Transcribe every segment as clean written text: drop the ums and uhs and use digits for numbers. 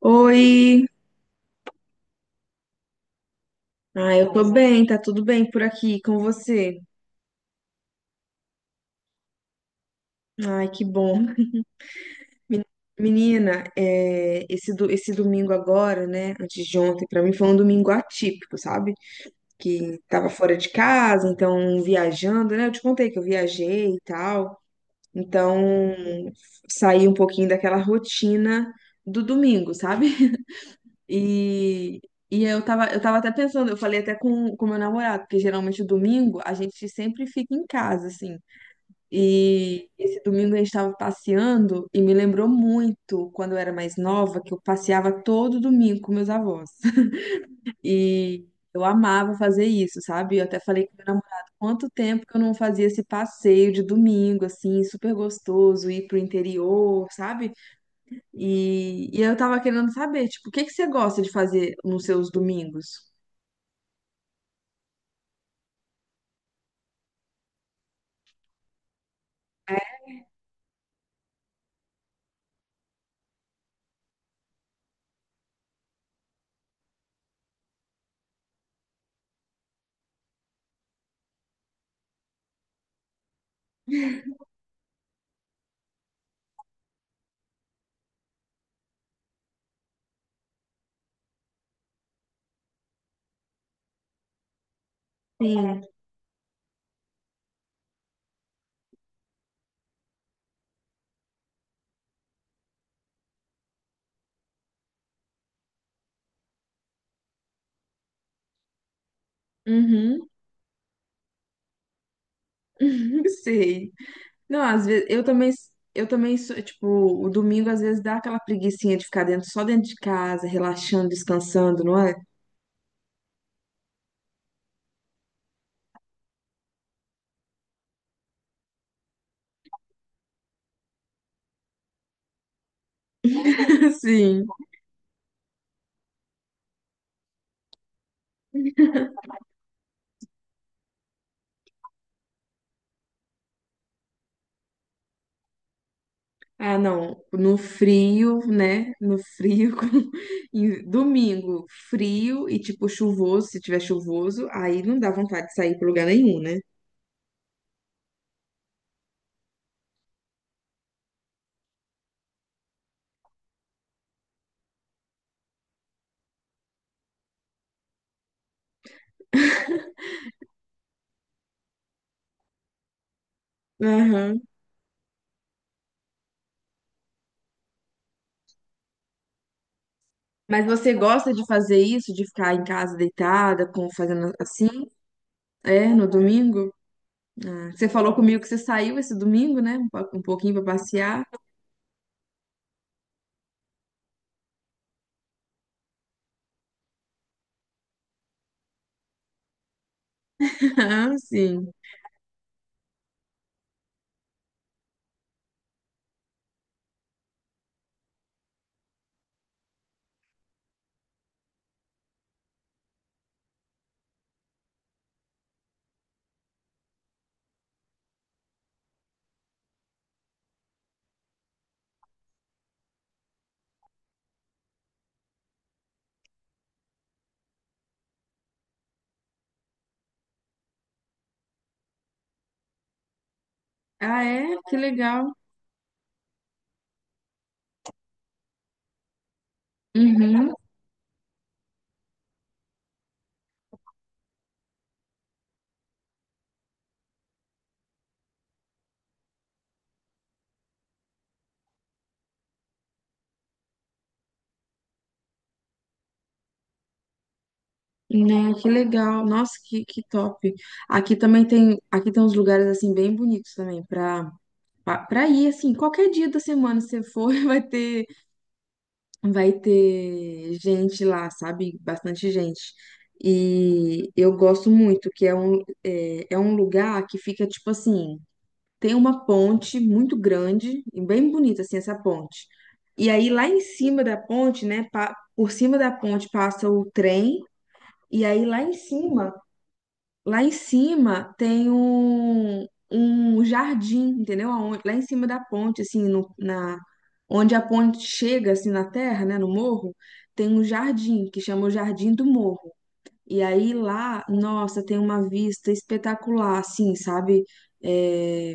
Oi! Ah, eu tô bem, tá tudo bem por aqui com você? Ai, que bom. Menina, esse domingo agora, né, antes de ontem, pra mim foi um domingo atípico, sabe? Que tava fora de casa, então viajando, né? Eu te contei que eu viajei e tal. Então, saí um pouquinho daquela rotina do domingo, sabe? E, e eu tava até pensando, eu falei até com o meu namorado, porque geralmente domingo a gente sempre fica em casa, assim. E esse domingo a gente tava passeando e me lembrou muito quando eu era mais nova, que eu passeava todo domingo com meus avós. E eu amava fazer isso, sabe? Eu até falei com meu namorado quanto tempo que eu não fazia esse passeio de domingo, assim, super gostoso, ir pro interior, sabe? E eu tava querendo saber, tipo, o que que você gosta de fazer nos seus domingos? Uhum. Sei. Não, às vezes eu também sou, tipo, o domingo às vezes dá aquela preguicinha de ficar dentro, só dentro de casa, relaxando, descansando, não é? Sim. Ah, não, no frio, né? No frio, domingo, frio e tipo chuvoso, se tiver chuvoso, aí não dá vontade de sair para lugar nenhum, né? Mas você gosta de fazer isso, de ficar em casa deitada, com, fazendo assim? É, no domingo? Ah, você falou comigo que você saiu esse domingo, né? Um pouquinho pra passear. Ah, sim. Ah, é? Que legal. Uhum. Né, que legal. Nossa, que top. Aqui também tem, aqui tem uns lugares assim bem bonitos também para ir assim, qualquer dia da semana se você for, vai ter gente lá, sabe? Bastante gente. E eu gosto muito, que é um lugar que fica tipo assim, tem uma ponte muito grande e bem bonita assim essa ponte. E aí lá em cima da ponte, né, por cima da ponte passa o trem e aí lá em cima. Lá em cima tem um jardim, entendeu? Aonde... Lá em cima da ponte, assim, na, onde a ponte chega, assim, na terra, né, no morro, tem um jardim que chama o Jardim do Morro. E aí lá, nossa, tem uma vista espetacular, assim, sabe? É,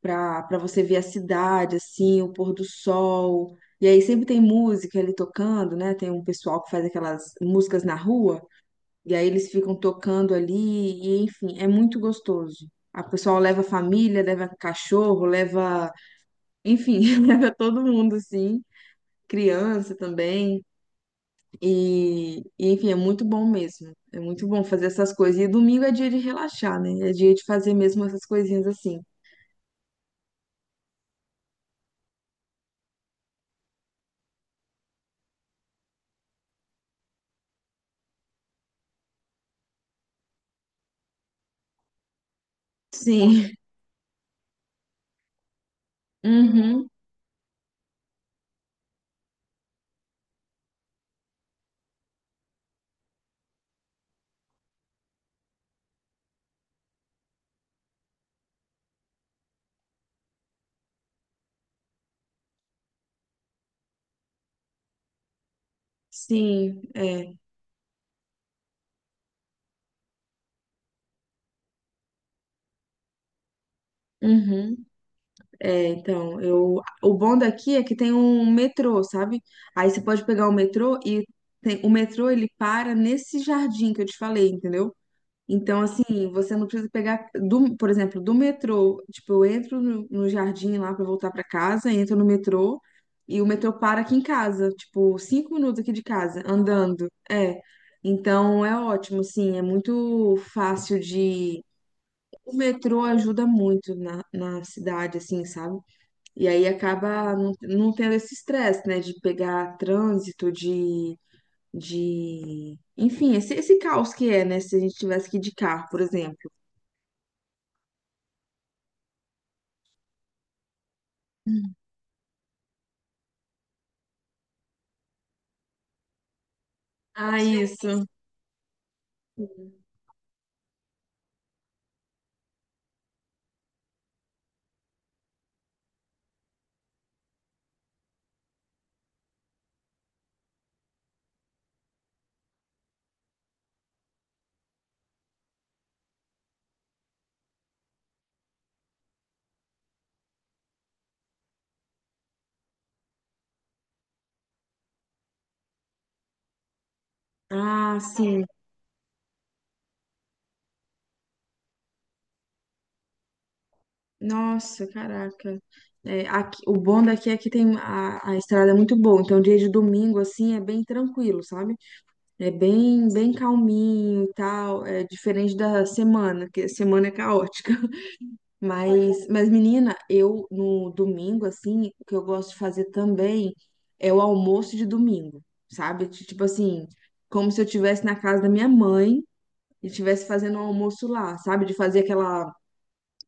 para você ver a cidade, assim, o pôr do sol. E aí sempre tem música ali tocando, né? Tem um pessoal que faz aquelas músicas na rua. E aí eles ficam tocando ali, e enfim, é muito gostoso. A pessoa leva a família, leva cachorro, leva, enfim, leva todo mundo assim, criança também. Enfim, é muito bom mesmo. É muito bom fazer essas coisas. E domingo é dia de relaxar, né? É dia de fazer mesmo essas coisinhas assim. Sim. Uhum. Sim, é. Uhum. É, então, eu, o bom daqui é que tem um metrô, sabe? Aí você pode pegar o metrô e tem... o metrô ele para nesse jardim que eu te falei, entendeu? Então, assim, você não precisa pegar, do, por exemplo, do metrô. Tipo, eu entro no jardim lá pra voltar pra casa, entro no metrô e o metrô para aqui em casa, tipo, 5 minutos aqui de casa, andando. É. Então, é ótimo, assim, é muito fácil de. O metrô ajuda muito na cidade, assim, sabe? E aí acaba não, não tendo esse estresse, né? De pegar trânsito, de... Enfim, esse caos que é, né? Se a gente tivesse que ir de carro, por exemplo. Ah, isso. Ah, sim. Nossa, caraca. É, aqui... o bom daqui é que tem a estrada é muito boa, então dia de domingo assim é bem tranquilo, sabe? É bem bem calminho e tal, é diferente da semana, que a semana é caótica. Mas menina, eu no domingo, assim, o que eu gosto de fazer também é o almoço de domingo, sabe? Tipo assim, como se eu estivesse na casa da minha mãe e estivesse fazendo um almoço lá, sabe? De fazer aquela.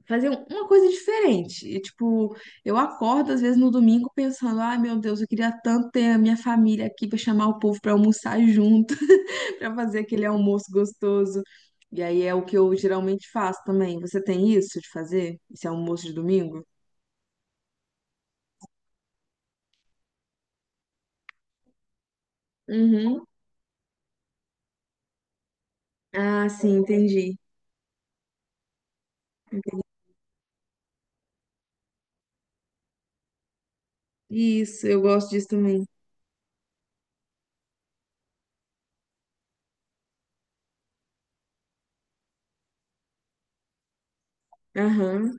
Uma coisa diferente. E, tipo, eu acordo às vezes no domingo pensando, ai meu Deus, eu queria tanto ter a minha família aqui pra chamar o povo pra almoçar junto para fazer aquele almoço gostoso. E aí é o que eu geralmente faço também. Você tem isso de fazer? Esse almoço de domingo? Uhum. Ah, sim, entendi. Isso, eu gosto disso também. Aham.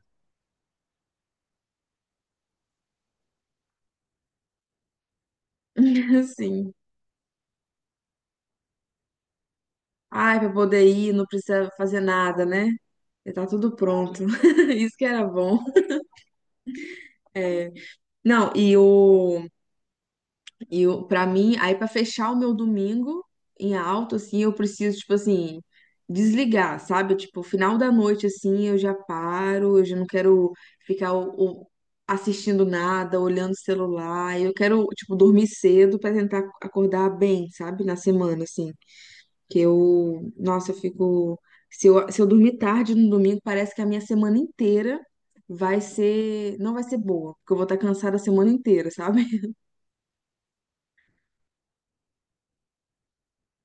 Sim. Ai, pra poder ir, não precisa fazer nada, né? Já tá tudo pronto. Isso que era bom. É. Não, e o... E para mim, aí para fechar o meu domingo em alto, assim, eu preciso, tipo assim, desligar, sabe? Tipo, final da noite, assim, eu já paro, eu já não quero ficar o- assistindo nada, olhando o celular. Eu quero, tipo, dormir cedo para tentar acordar bem, sabe? Na semana, assim. Que eu, nossa, eu fico. Se eu dormir tarde no domingo, parece que a minha semana inteira vai ser. Não vai ser boa, porque eu vou estar cansada a semana inteira, sabe?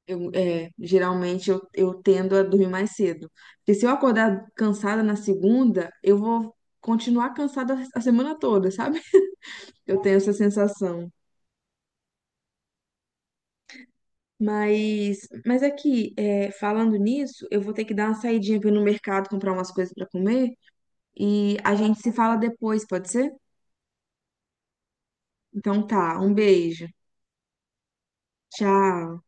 Eu, é, geralmente eu tendo a dormir mais cedo. Porque se eu acordar cansada na segunda, eu vou continuar cansada a semana toda, sabe? Eu tenho essa sensação. Mas, mas aqui, é, falando nisso, eu vou ter que dar uma saidinha para ir no mercado comprar umas coisas para comer e a gente se fala depois, pode ser? Então tá, um beijo. Tchau.